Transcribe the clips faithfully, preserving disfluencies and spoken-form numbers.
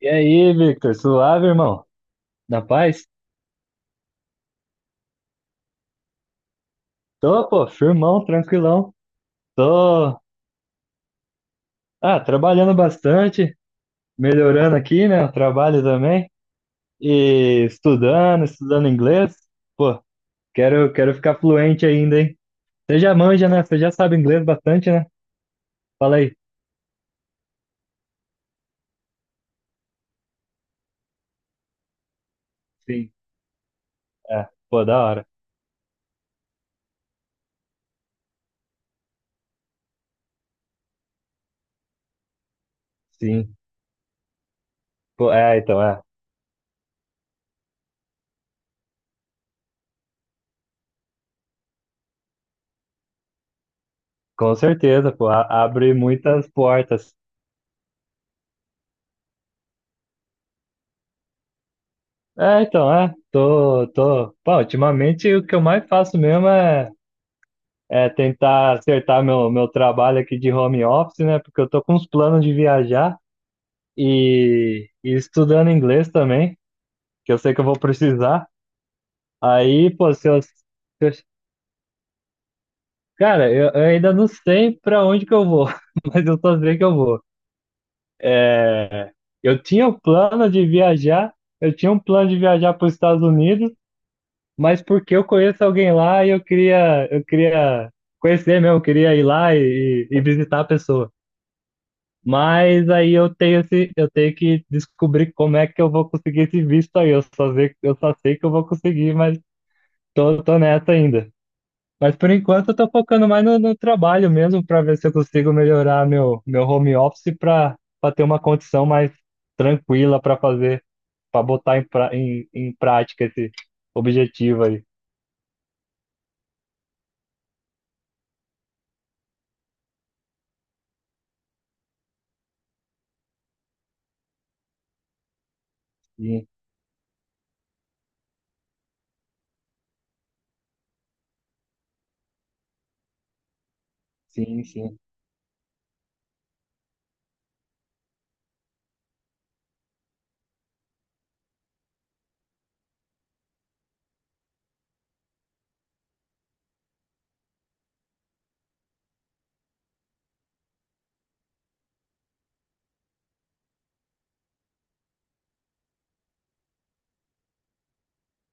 E aí, Victor, suave, irmão? Na paz? Tô, pô, firmão, tranquilão. Tô, ah, trabalhando bastante, melhorando aqui, né, o trabalho também. E estudando, estudando inglês. Pô, quero, quero ficar fluente ainda, hein? Você já manja, né? Você já sabe inglês bastante, né? Fala aí. Sim. É, pô, da hora. Sim. Pô, é, então, é. Com certeza, pô, a- abre muitas portas. É, então, é. Tô, tô. Pô, ultimamente o que eu mais faço mesmo é. é tentar acertar meu, meu trabalho aqui de home office, né? Porque eu tô com uns planos de viajar e, e estudando inglês também, que eu sei que eu vou precisar. Aí, pô, se eu, se eu- cara, eu, eu ainda não sei pra onde que eu vou, mas eu só sei que eu vou. É, eu tinha o plano de viajar, eu tinha um plano de viajar para os Estados Unidos, mas porque eu conheço alguém lá e eu queria, eu queria conhecer mesmo, eu queria ir lá e, e e visitar a pessoa. Mas aí eu tenho esse, eu tenho que descobrir como é que eu vou conseguir esse visto aí. Eu só sei, eu só sei que eu vou conseguir, mas tô, tô nessa ainda. Mas por enquanto eu tô focando mais no, no trabalho mesmo para ver se eu consigo melhorar meu, meu home office para para ter uma condição mais tranquila para fazer, para botar em, pra, em, em prática esse objetivo aí. Sim, sim, sim.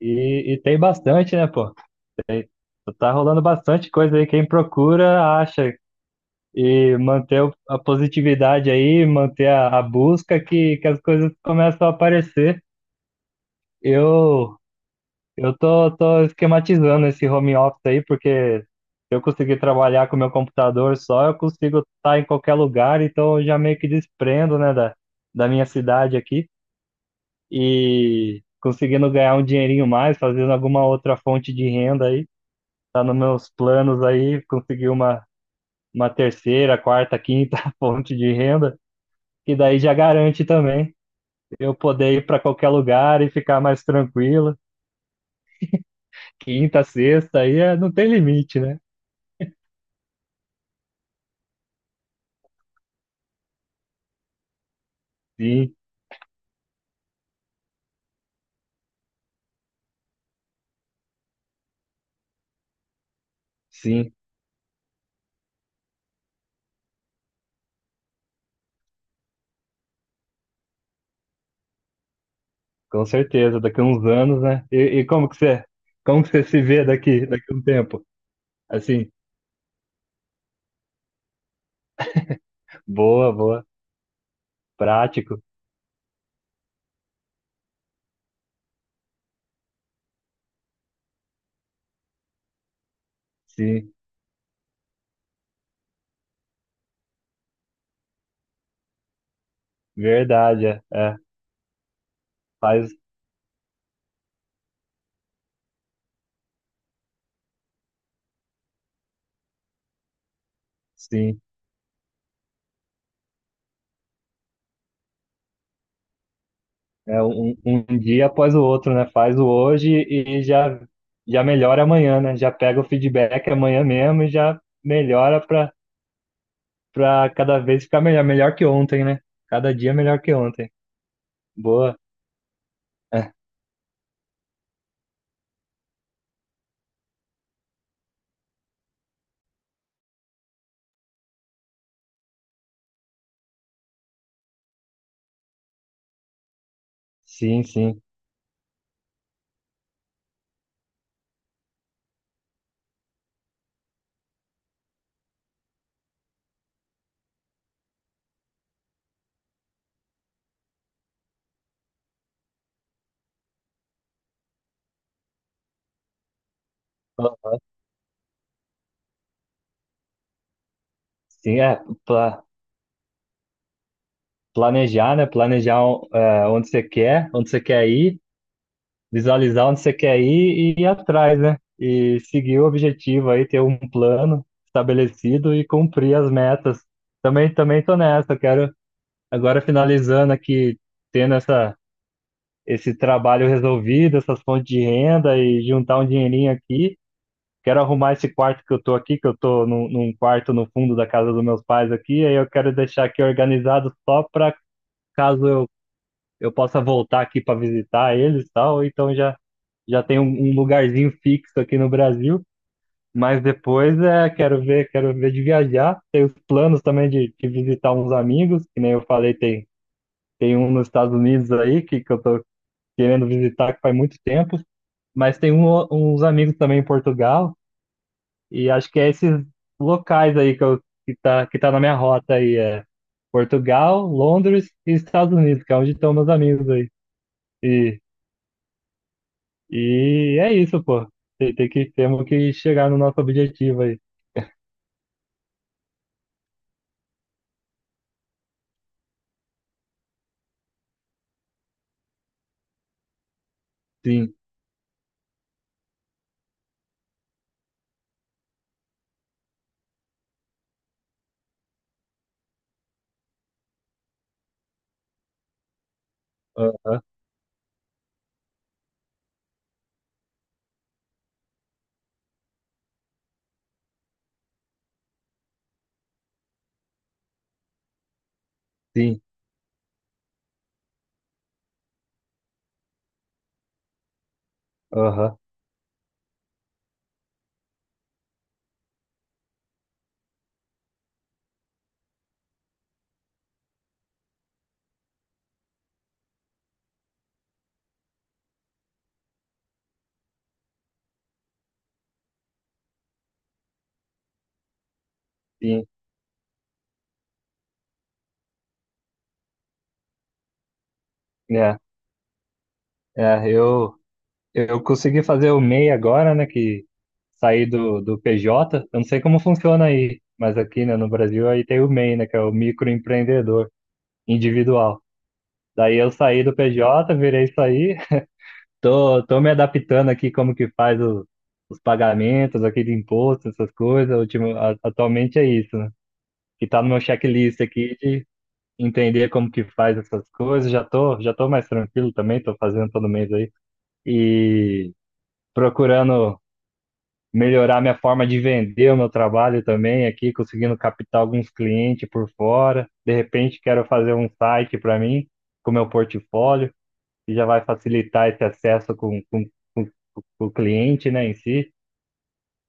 E, e tem bastante, né, pô? Tem, tá rolando bastante coisa aí. Quem procura acha. E manter o- a positividade aí, manter a, a busca que, que as coisas começam a aparecer. Eu eu tô, tô esquematizando esse home office aí, porque se eu conseguir trabalhar com meu computador só, eu consigo estar em qualquer lugar, então eu já meio que desprendo, né, da, da minha cidade aqui e conseguindo ganhar um dinheirinho mais, fazendo alguma outra fonte de renda aí. Tá nos meus planos aí, conseguir uma, uma terceira, quarta, quinta fonte de renda que daí já garante também eu poder ir para qualquer lugar e ficar mais tranquilo. Quinta, sexta, aí é- não tem limite, né? Sim, sim, com certeza. Daqui a uns anos, né? E, e como que você, como que você se vê daqui, daqui a um tempo? Assim, boa, boa, prático, sim, verdade, é, é, faz, sim. É um, um um dia após o outro, né? Faz o hoje e já, já melhora amanhã, né? Já pega o feedback amanhã mesmo e já melhora para pra cada vez ficar melhor, melhor que ontem, né? Cada dia melhor que ontem. Boa. É, sim, sim. Pla- Sim, é pla- planejar, né? Planejar é, onde você quer, onde você quer ir, visualizar onde você quer ir e ir atrás, né? E seguir o objetivo aí, ter um plano estabelecido e cumprir as metas. Também, também tô nessa, quero agora finalizando aqui, tendo essa, esse trabalho resolvido, essas fontes de renda e juntar um dinheirinho aqui. Quero arrumar esse quarto que eu tô aqui, que eu tô num, num quarto no fundo da casa dos meus pais aqui, aí eu quero deixar aqui organizado só para caso eu, eu possa voltar aqui para visitar eles e tal, então já, já tem um, um lugarzinho fixo aqui no Brasil, mas depois é, quero ver, quero ver de viajar, tem os planos também de, de visitar uns amigos, que nem eu falei, tem, tem um nos Estados Unidos aí que, que eu tô querendo visitar que faz muito tempo, mas tem um, uns amigos também em Portugal. E acho que é esses locais aí que, eu, que, tá, que tá na minha rota aí, é Portugal, Londres e Estados Unidos, que é onde estão meus amigos aí. E, e é isso, pô. Tem, tem que, temos que chegar no nosso objetivo aí. Sim, aham, sim, aham, sim. É, é, eu, eu consegui fazer o MEI agora, né, que saí do, do P J. Eu não sei como funciona aí, mas aqui, né, no Brasil aí tem o MEI, né, que é o microempreendedor individual. Daí eu saí do P J, virei isso aí. Tô, tô me adaptando aqui como que faz o- os pagamentos aqui de imposto, essas coisas. Ultimo, a- atualmente é isso, né? Que tá no meu checklist aqui de entender como que faz essas coisas. Já tô, já tô mais tranquilo também, tô fazendo todo mês aí. E procurando melhorar minha forma de vender o meu trabalho também aqui, conseguindo captar alguns clientes por fora. De repente quero fazer um site para mim, com meu portfólio que já vai facilitar esse acesso com, com, com, com o cliente, né, em si,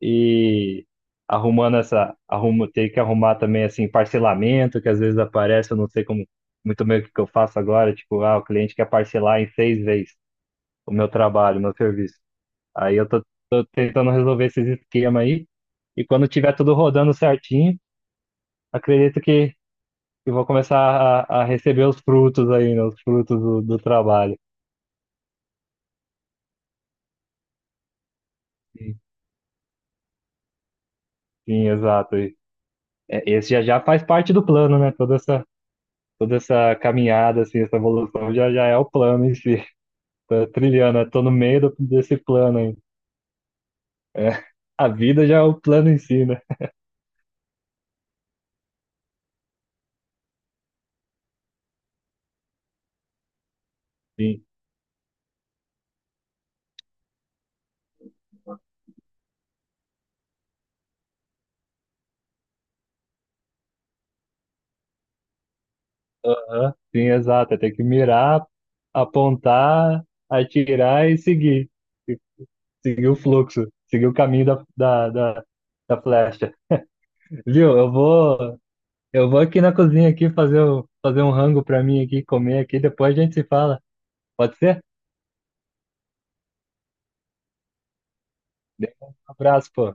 e arrumando essa, arrumo, ter que arrumar também, assim, parcelamento, que às vezes aparece, eu não sei como, muito bem o que que eu faço agora, tipo, ah, o cliente quer parcelar em seis vezes o meu trabalho, o meu serviço. Aí eu tô, tô tentando resolver esses esquemas aí, e quando tiver tudo rodando certinho, acredito que, eu vou começar a, a receber os frutos aí, né, os frutos do, do trabalho. Sim, sim, exato. É, esse já já faz parte do plano, né? Toda essa, toda essa caminhada, assim, essa evolução já já é o plano em si. Tô trilhando, eu tô no meio do- desse plano aí. É, a vida já é o plano em si, né? Sim, aham, sim, exato. Tem que mirar, apontar, atirar e seguir. E seguir o fluxo, seguir o caminho da, da, da, da flecha. Viu? Eu vou, eu vou aqui na cozinha aqui fazer, o, fazer um rango pra mim aqui, comer aqui, depois a gente se fala. Pode ser? Um abraço, pô.